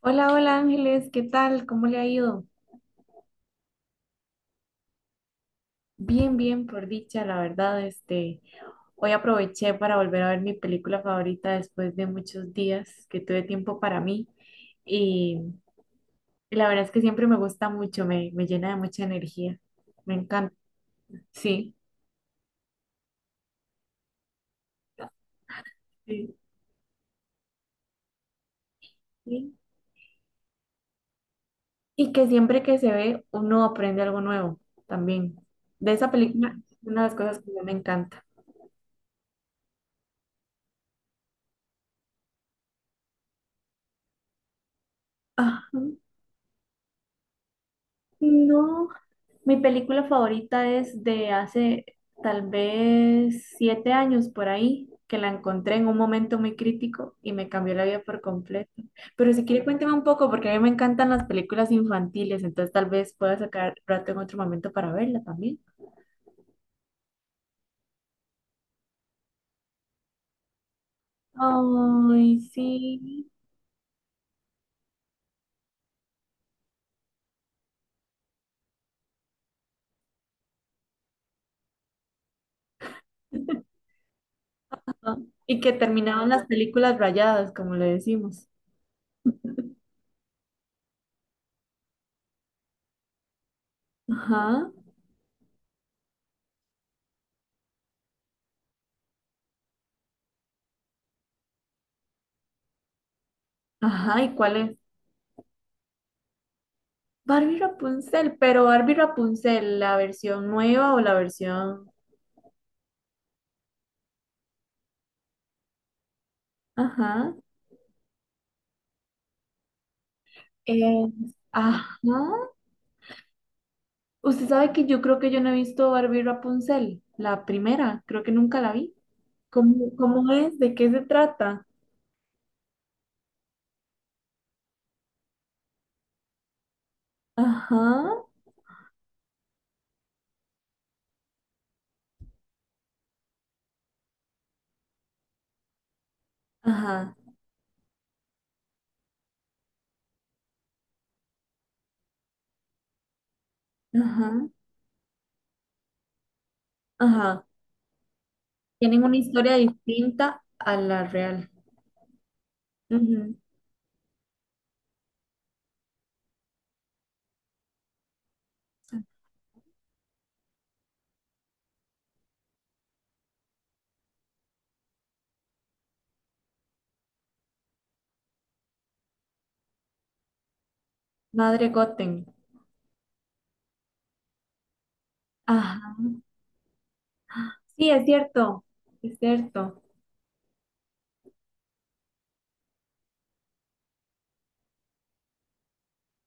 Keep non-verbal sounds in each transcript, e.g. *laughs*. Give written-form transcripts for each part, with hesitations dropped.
Hola, hola Ángeles, ¿qué tal? ¿Cómo le ha ido? Bien, bien, por dicha, la verdad, hoy aproveché para volver a ver mi película favorita después de muchos días que tuve tiempo para mí y, y la verdad es que siempre me gusta mucho, me llena de mucha energía, me encanta, sí, sí, sí. Y que siempre que se ve uno aprende algo nuevo también. De esa película, es una de las cosas que yo me encanta. Ajá, no. Mi película favorita es de hace tal vez 7 años por ahí, que la encontré en un momento muy crítico y me cambió la vida por completo. Pero si quiere cuénteme un poco, porque a mí me encantan las películas infantiles, entonces tal vez pueda sacar rato en otro momento para verla también. Ay, sí. Y que terminaban las películas rayadas, como le decimos. Ajá, ajá, ¿y cuál es? Barbie Rapunzel, pero Barbie Rapunzel, ¿la versión nueva o la versión...? Ajá. Eh, ajá. Usted sabe que yo creo que yo no he visto Barbie Rapunzel, la primera, creo que nunca la vi. ¿Cómo, cómo es? ¿De qué se trata? Ajá, ajá, ajá, ajá. Tienen una historia distinta a la real. Ujú. Madre Goten. Ajá. Sí, es cierto, es cierto.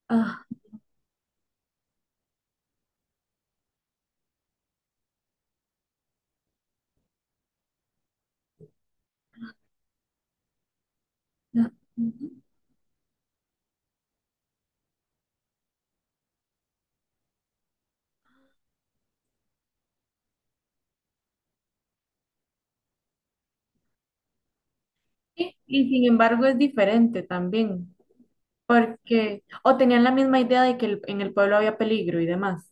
Ah, ah, ujú. Sí, y sin embargo es diferente también, porque o tenían la misma idea de que el- en el pueblo había peligro y demás.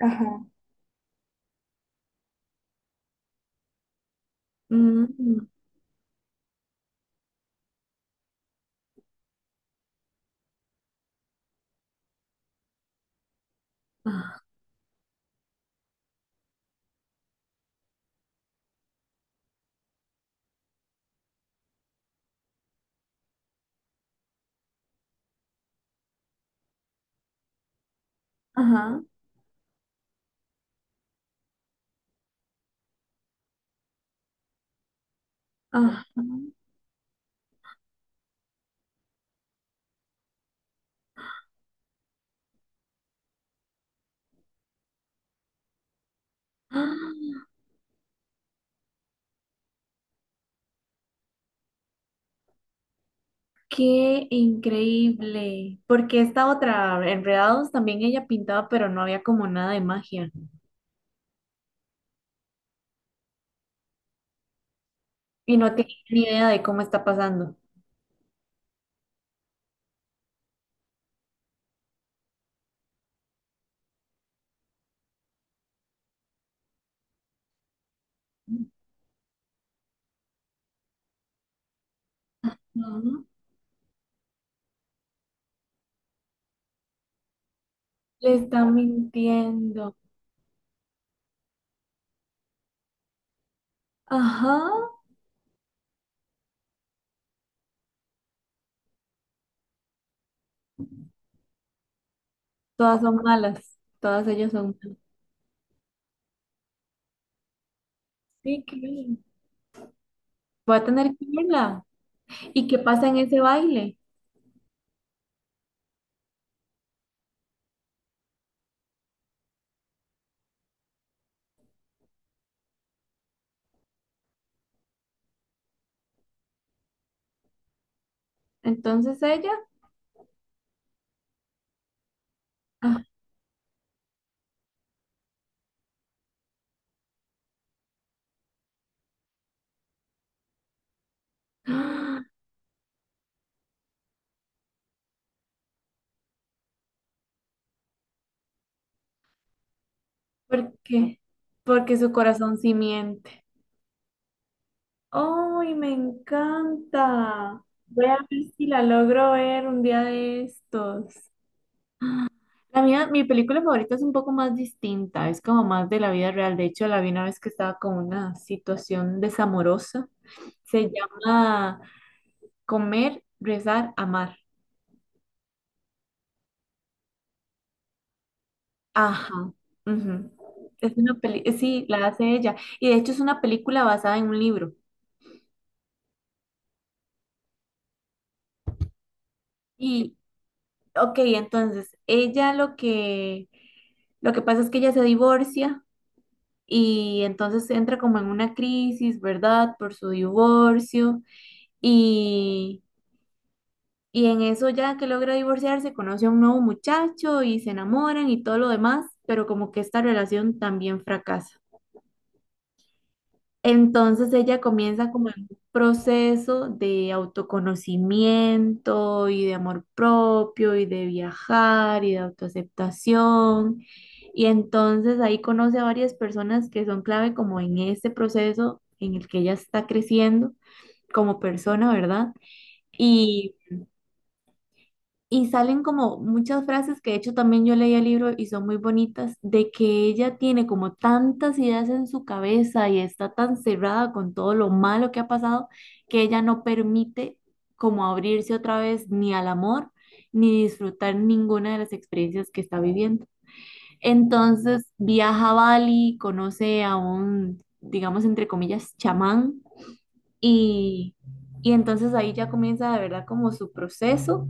Ajá. Mm, ah, ajá, ajá. ¡Ah! ¡Qué increíble! Porque esta otra, Enredados, también ella pintaba, pero no había como nada de magia. Y no tenía ni idea de cómo está pasando. Ujú. Le está mintiendo. Ajá. Todas son malas. Todas ellas son malas. Sí, qué bien. Voy a tener que verla. ¿Y qué pasa en ese baile? Entonces ella. Ah, ¿por qué? Porque su corazón sí miente. ¡Ay, me encanta! Voy a ver si la logro ver un día de estos. La mía, mi película favorita es un poco más distinta, es como más de la vida real. De hecho, la vi una vez que estaba con una situación desamorosa. Se llama Comer, Rezar, Amar. Ajá. Ujú. Es una peli, sí, la hace ella. Y de hecho es una película basada en un libro. Y ok, entonces ella lo que pasa es que ella se divorcia y entonces entra como en una crisis, ¿verdad? Por su divorcio y y en eso ya que logra divorciarse, conoce a un nuevo muchacho y se enamoran y todo lo demás, pero como que esta relación también fracasa. Entonces ella comienza como en un proceso de autoconocimiento y de amor propio y de viajar y de autoaceptación. Y entonces ahí conoce a varias personas que son clave como en este proceso en el que ella está creciendo como persona, ¿verdad? Y y salen como muchas frases que de hecho también yo leí el libro y son muy bonitas, de que ella tiene como tantas ideas en su cabeza y está tan cerrada con todo lo malo que ha pasado que ella no permite como abrirse otra vez ni al amor ni disfrutar ninguna de las experiencias que está viviendo. Entonces viaja a Bali, conoce a un, digamos entre comillas, chamán y, y entonces ahí ya comienza de verdad como su proceso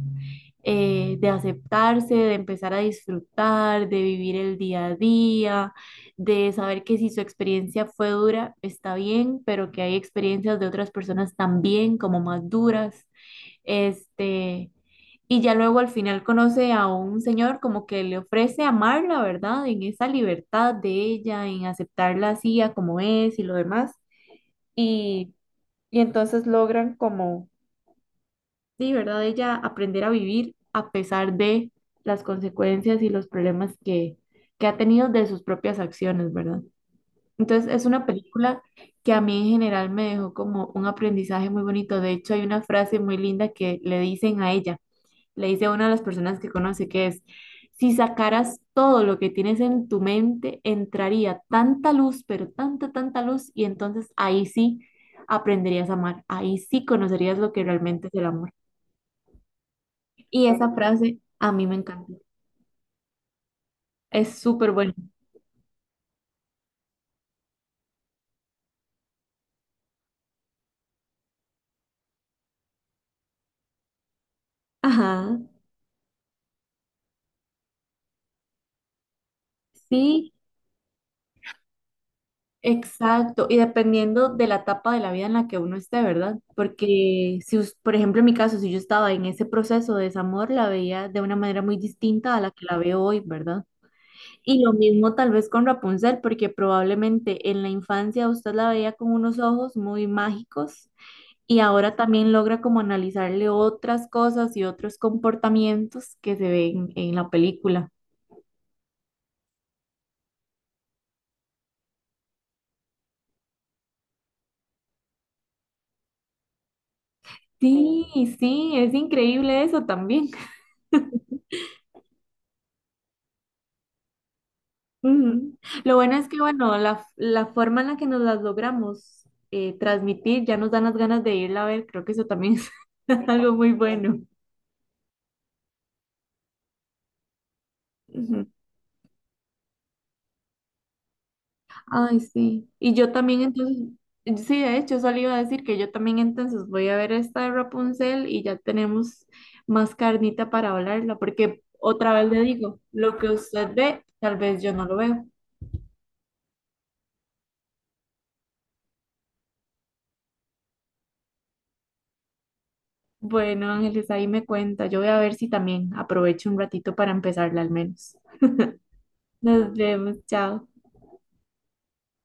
de aceptarse, de empezar a disfrutar, de vivir el día a día, de saber que si su experiencia fue dura, está bien, pero que hay experiencias de otras personas también como más duras. Este, y ya luego al final conoce a un señor como que le ofrece amarla, ¿verdad? En esa libertad de ella, en aceptarla así a como es y lo demás. Y y entonces logran como, sí, ¿verdad? Ella aprender a vivir a pesar de las consecuencias y los problemas que ha tenido de sus propias acciones, ¿verdad? Entonces es una película que a mí en general me dejó como un aprendizaje muy bonito. De hecho, hay una frase muy linda que le dicen a ella, le dice a una de las personas que conoce, que es: si sacaras todo lo que tienes en tu mente, entraría tanta luz, pero tanta, tanta luz, y entonces ahí sí aprenderías a amar, ahí sí conocerías lo que realmente es el amor. Y esa frase a mí me encanta, es súper buena. Ajá, sí, exacto, y dependiendo de la etapa de la vida en la que uno esté, ¿verdad? Porque si, por ejemplo, en mi caso, si yo estaba en ese proceso de desamor, la veía de una manera muy distinta a la que la veo hoy, ¿verdad? Y lo mismo tal vez con Rapunzel, porque probablemente en la infancia usted la veía con unos ojos muy mágicos y ahora también logra como analizarle otras cosas y otros comportamientos que se ven en la película. Sí, sí, es increíble eso también. *laughs* Ujú. Lo bueno es que, bueno, la forma en la que nos las logramos transmitir ya nos dan las ganas de irla a ver. Creo que eso también es *laughs* algo muy bueno. Ujú. Ay, sí. Y yo también entonces, sí, de hecho, solo iba a decir que yo también entonces voy a ver esta de Rapunzel y ya tenemos más carnita para hablarla, porque otra vez le digo, lo que usted ve, tal vez yo no lo veo. Bueno, Ángeles, ahí me cuenta. Yo voy a ver si también aprovecho un ratito para empezarla al menos. Nos vemos, chao.